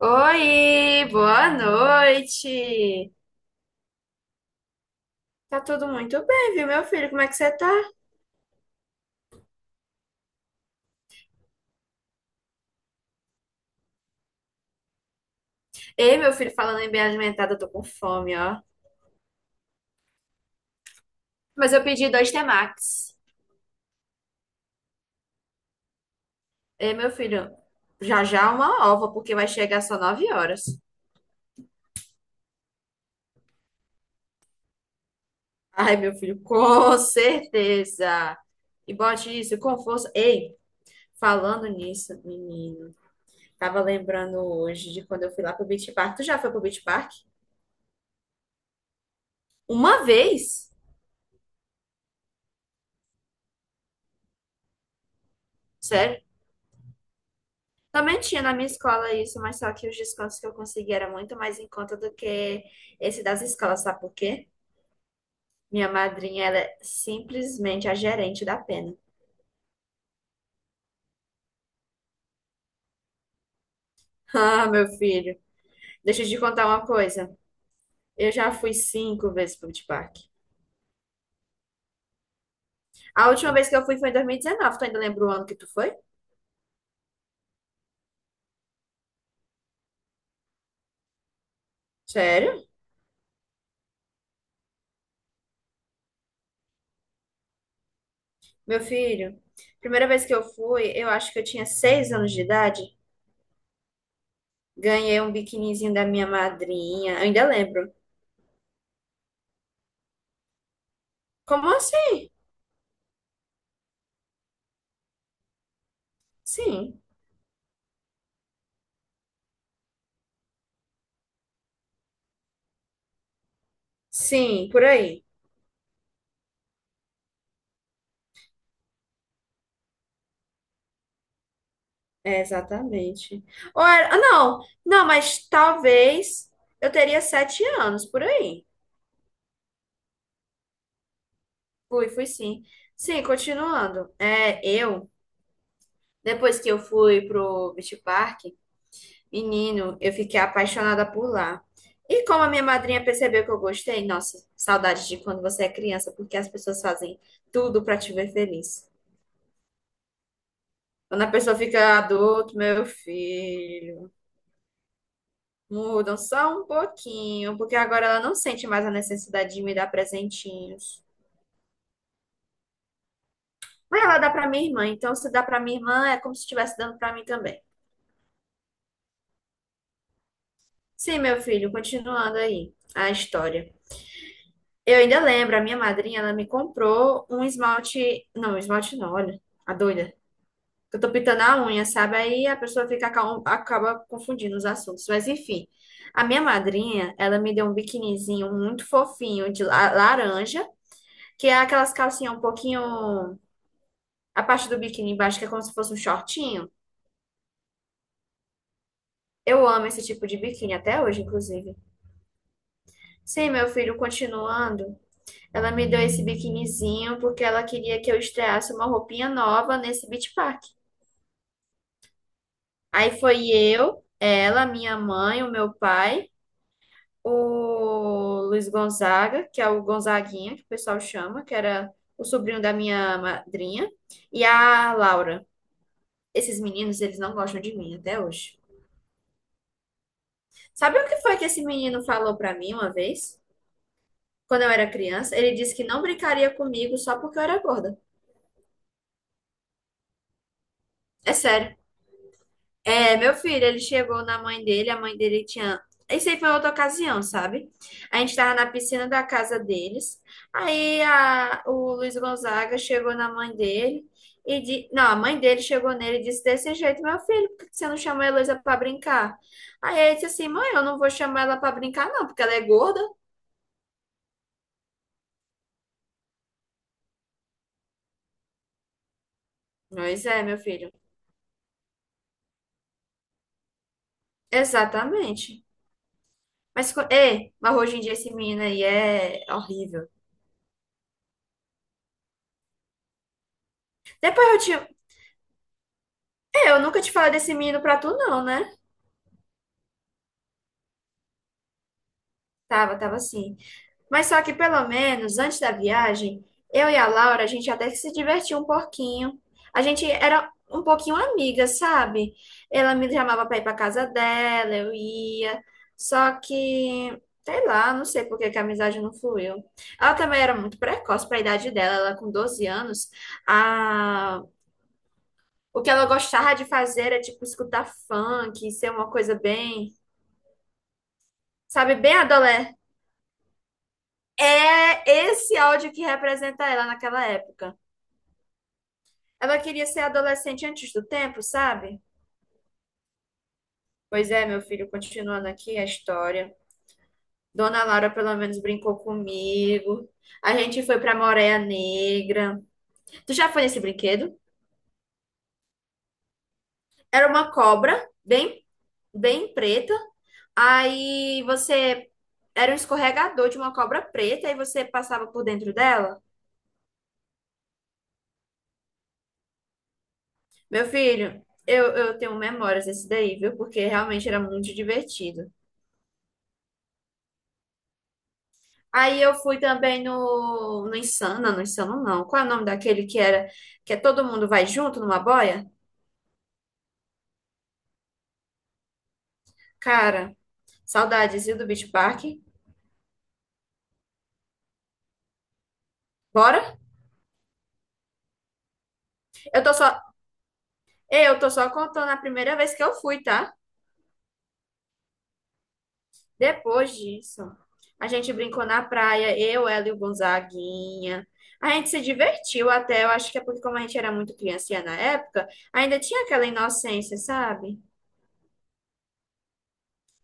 Oi, boa noite. Tá tudo muito bem, viu, meu filho? Como é que você tá? Ei, meu filho, falando em bem alimentado, eu tô com fome, ó. Mas eu pedi dois temakis. Ei, meu filho, já já uma ova, porque vai chegar só 9 horas. Ai, meu filho, com certeza. E bote isso com força. Ei, falando nisso, menino, tava lembrando hoje de quando eu fui lá pro Beach Park. Tu já foi pro Beach Park? Uma vez? Sério? Também tinha na minha escola isso, mas só que os descontos que eu consegui era muito mais em conta do que esse das escolas, sabe por quê? Minha madrinha, ela é simplesmente a gerente da pena. Ah, meu filho, deixa eu te contar uma coisa. Eu já fui 5 vezes pro Beach Park. A última vez que eu fui foi em 2019. Tu ainda lembra o ano que tu foi? Sério? Meu filho, primeira vez que eu fui, eu acho que eu tinha 6 anos de idade. Ganhei um biquinizinho da minha madrinha. Eu ainda lembro. Como assim? Sim. Sim, por aí. É, exatamente. Não, não, mas talvez eu teria 7 anos, por aí. Fui, fui sim. Sim, continuando. Depois que eu fui pro Beach Park, menino, eu fiquei apaixonada por lá. E como a minha madrinha percebeu que eu gostei, nossa, saudade de quando você é criança, porque as pessoas fazem tudo pra te ver feliz. Quando a pessoa fica adulto, meu filho. Mudam só um pouquinho, porque agora ela não sente mais a necessidade de me dar presentinhos. Mas ela dá para minha irmã, então se dá para minha irmã é como se estivesse dando para mim também. Sim, meu filho, continuando aí a história. Eu ainda lembro, a minha madrinha, ela me comprou um esmalte não, olha, a doida. Eu tô pintando a unha, sabe? Aí a pessoa fica acaba confundindo os assuntos. Mas enfim, a minha madrinha, ela me deu um biquinizinho muito fofinho de laranja que é aquelas calcinhas um pouquinho. A parte do biquíni embaixo, que é como se fosse um shortinho. Eu amo esse tipo de biquíni, até hoje, inclusive. Sim, meu filho, continuando, ela me deu esse biquinizinho porque ela queria que eu estreasse uma roupinha nova nesse Beach Park. Aí foi eu, ela, minha mãe, o meu pai, o Luiz Gonzaga, que é o Gonzaguinha, que o pessoal chama, que era o sobrinho da minha madrinha, e a Laura. Esses meninos, eles não gostam de mim até hoje. Sabe o que foi que esse menino falou pra mim uma vez? Quando eu era criança, ele disse que não brincaria comigo só porque eu era gorda. É sério. É, meu filho, ele chegou na mãe dele, a mãe dele tinha. Isso aí foi outra ocasião, sabe? A gente tava na piscina da casa deles. O Luiz Gonzaga chegou na mãe dele Não, a mãe dele chegou nele e disse desse jeito, meu filho, por que você não chamou a Heloísa pra brincar? Aí ele disse assim, mãe, eu não vou chamar ela pra brincar, não, porque ela é gorda. Pois é, meu filho. Exatamente. Mas hoje em dia esse menino aí é horrível. Depois eu tinha. É, eu nunca te falei desse menino pra tu, não, né? Tava assim. Mas só que pelo menos antes da viagem, eu e a Laura, a gente até que se divertia um pouquinho. A gente era um pouquinho amiga, sabe? Ela me chamava pra ir pra casa dela, eu ia. Só que, sei lá, não sei por que que a amizade não fluiu. Ela também era muito precoce pra idade dela, ela com 12 anos. A O que ela gostava de fazer era, tipo, escutar funk, ser uma coisa bem, sabe, bem adolé. É esse áudio que representa ela naquela época. Ela queria ser adolescente antes do tempo, sabe? Pois é, meu filho, continuando aqui a história. Dona Laura pelo menos brincou comigo. A gente foi pra Moreia Negra. Tu já foi nesse brinquedo? Era uma cobra bem bem preta. Aí você era um escorregador de uma cobra preta e você passava por dentro dela. Meu filho, eu tenho memórias desse daí, viu? Porque realmente era muito divertido. Aí eu fui também no Insana, no Insano não. Qual é o nome daquele que era que é todo mundo vai junto numa boia? Cara, saudades, viu, do Beach Park? Bora? Eu tô só, eu tô só contando a primeira vez que eu fui, tá? Depois disso, a gente brincou na praia, eu, ela e o Gonzaguinha. A gente se divertiu até, eu acho que é porque como a gente era muito criancinha na época, ainda tinha aquela inocência, sabe?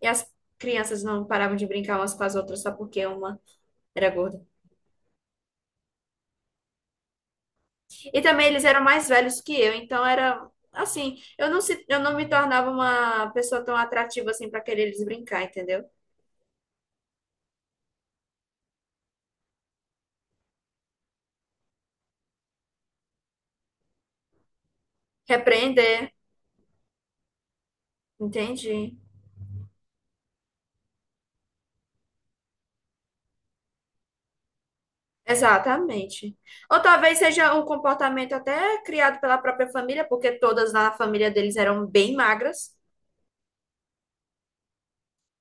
E as crianças não paravam de brincar umas com as outras só porque uma era gorda. E também eles eram mais velhos que eu, então era assim, eu não me tornava uma pessoa tão atrativa assim para querer eles brincar, entendeu? Repreender, entendi. Exatamente. Ou talvez seja um comportamento até criado pela própria família, porque todas na família deles eram bem magras,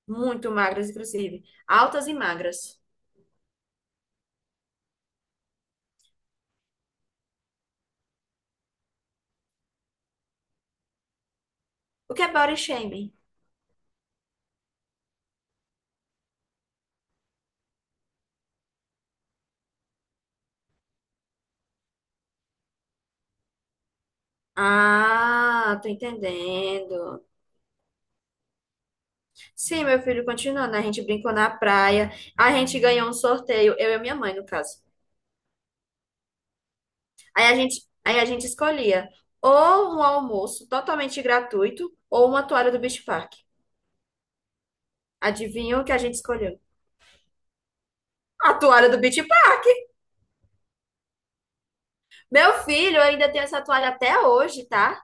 muito magras, inclusive, altas e magras. O que é body shaming? Ah, tô entendendo. Sim, meu filho, continuando, a gente brincou na praia, a gente ganhou um sorteio, eu e minha mãe, no caso. Aí a gente escolhia ou um almoço totalmente gratuito ou uma toalha do Beach Park. Adivinha o que a gente escolheu? A toalha do Beach. Meu filho ainda tem essa toalha até hoje, tá?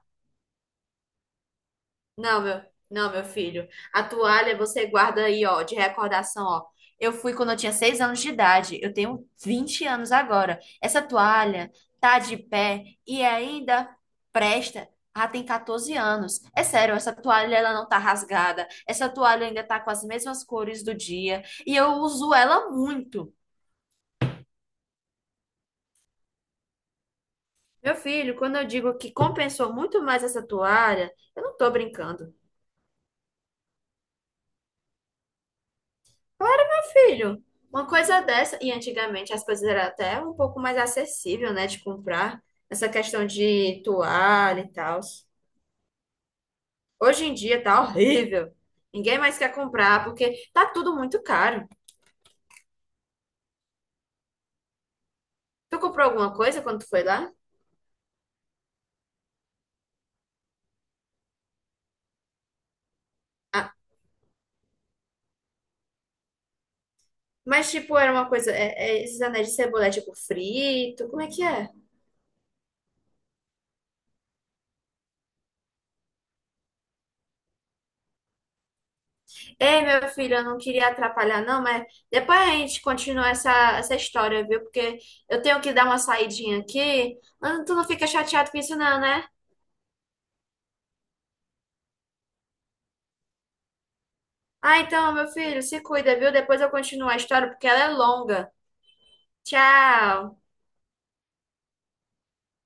Não, meu, não, meu filho. A toalha você guarda aí, ó, de recordação, ó. Eu fui quando eu tinha 6 anos de idade. Eu tenho 20 anos agora. Essa toalha tá de pé e ainda presta. Ah, tem 14 anos. É sério, essa toalha ela não tá rasgada. Essa toalha ainda tá com as mesmas cores do dia e eu uso ela muito. Meu filho, quando eu digo que compensou muito mais essa toalha, eu não tô brincando. Claro, meu filho. Uma coisa dessa, e antigamente as coisas eram até um pouco mais acessível, né, de comprar, essa questão de toalha e tal. Hoje em dia tá horrível. Ninguém mais quer comprar porque tá tudo muito caro. Tu comprou alguma coisa quando tu foi lá? Ah, mas tipo, era uma coisa, é esses anéis de cebola, é tipo frito, como é que é? Ei, meu filho, eu não queria atrapalhar, não, mas depois a gente continua essa história, viu? Porque eu tenho que dar uma saidinha aqui. Ah, Tu não fica chateado com isso, não, né? Ah, então, meu filho, se cuida, viu? Depois eu continuo a história, porque ela é longa. Tchau!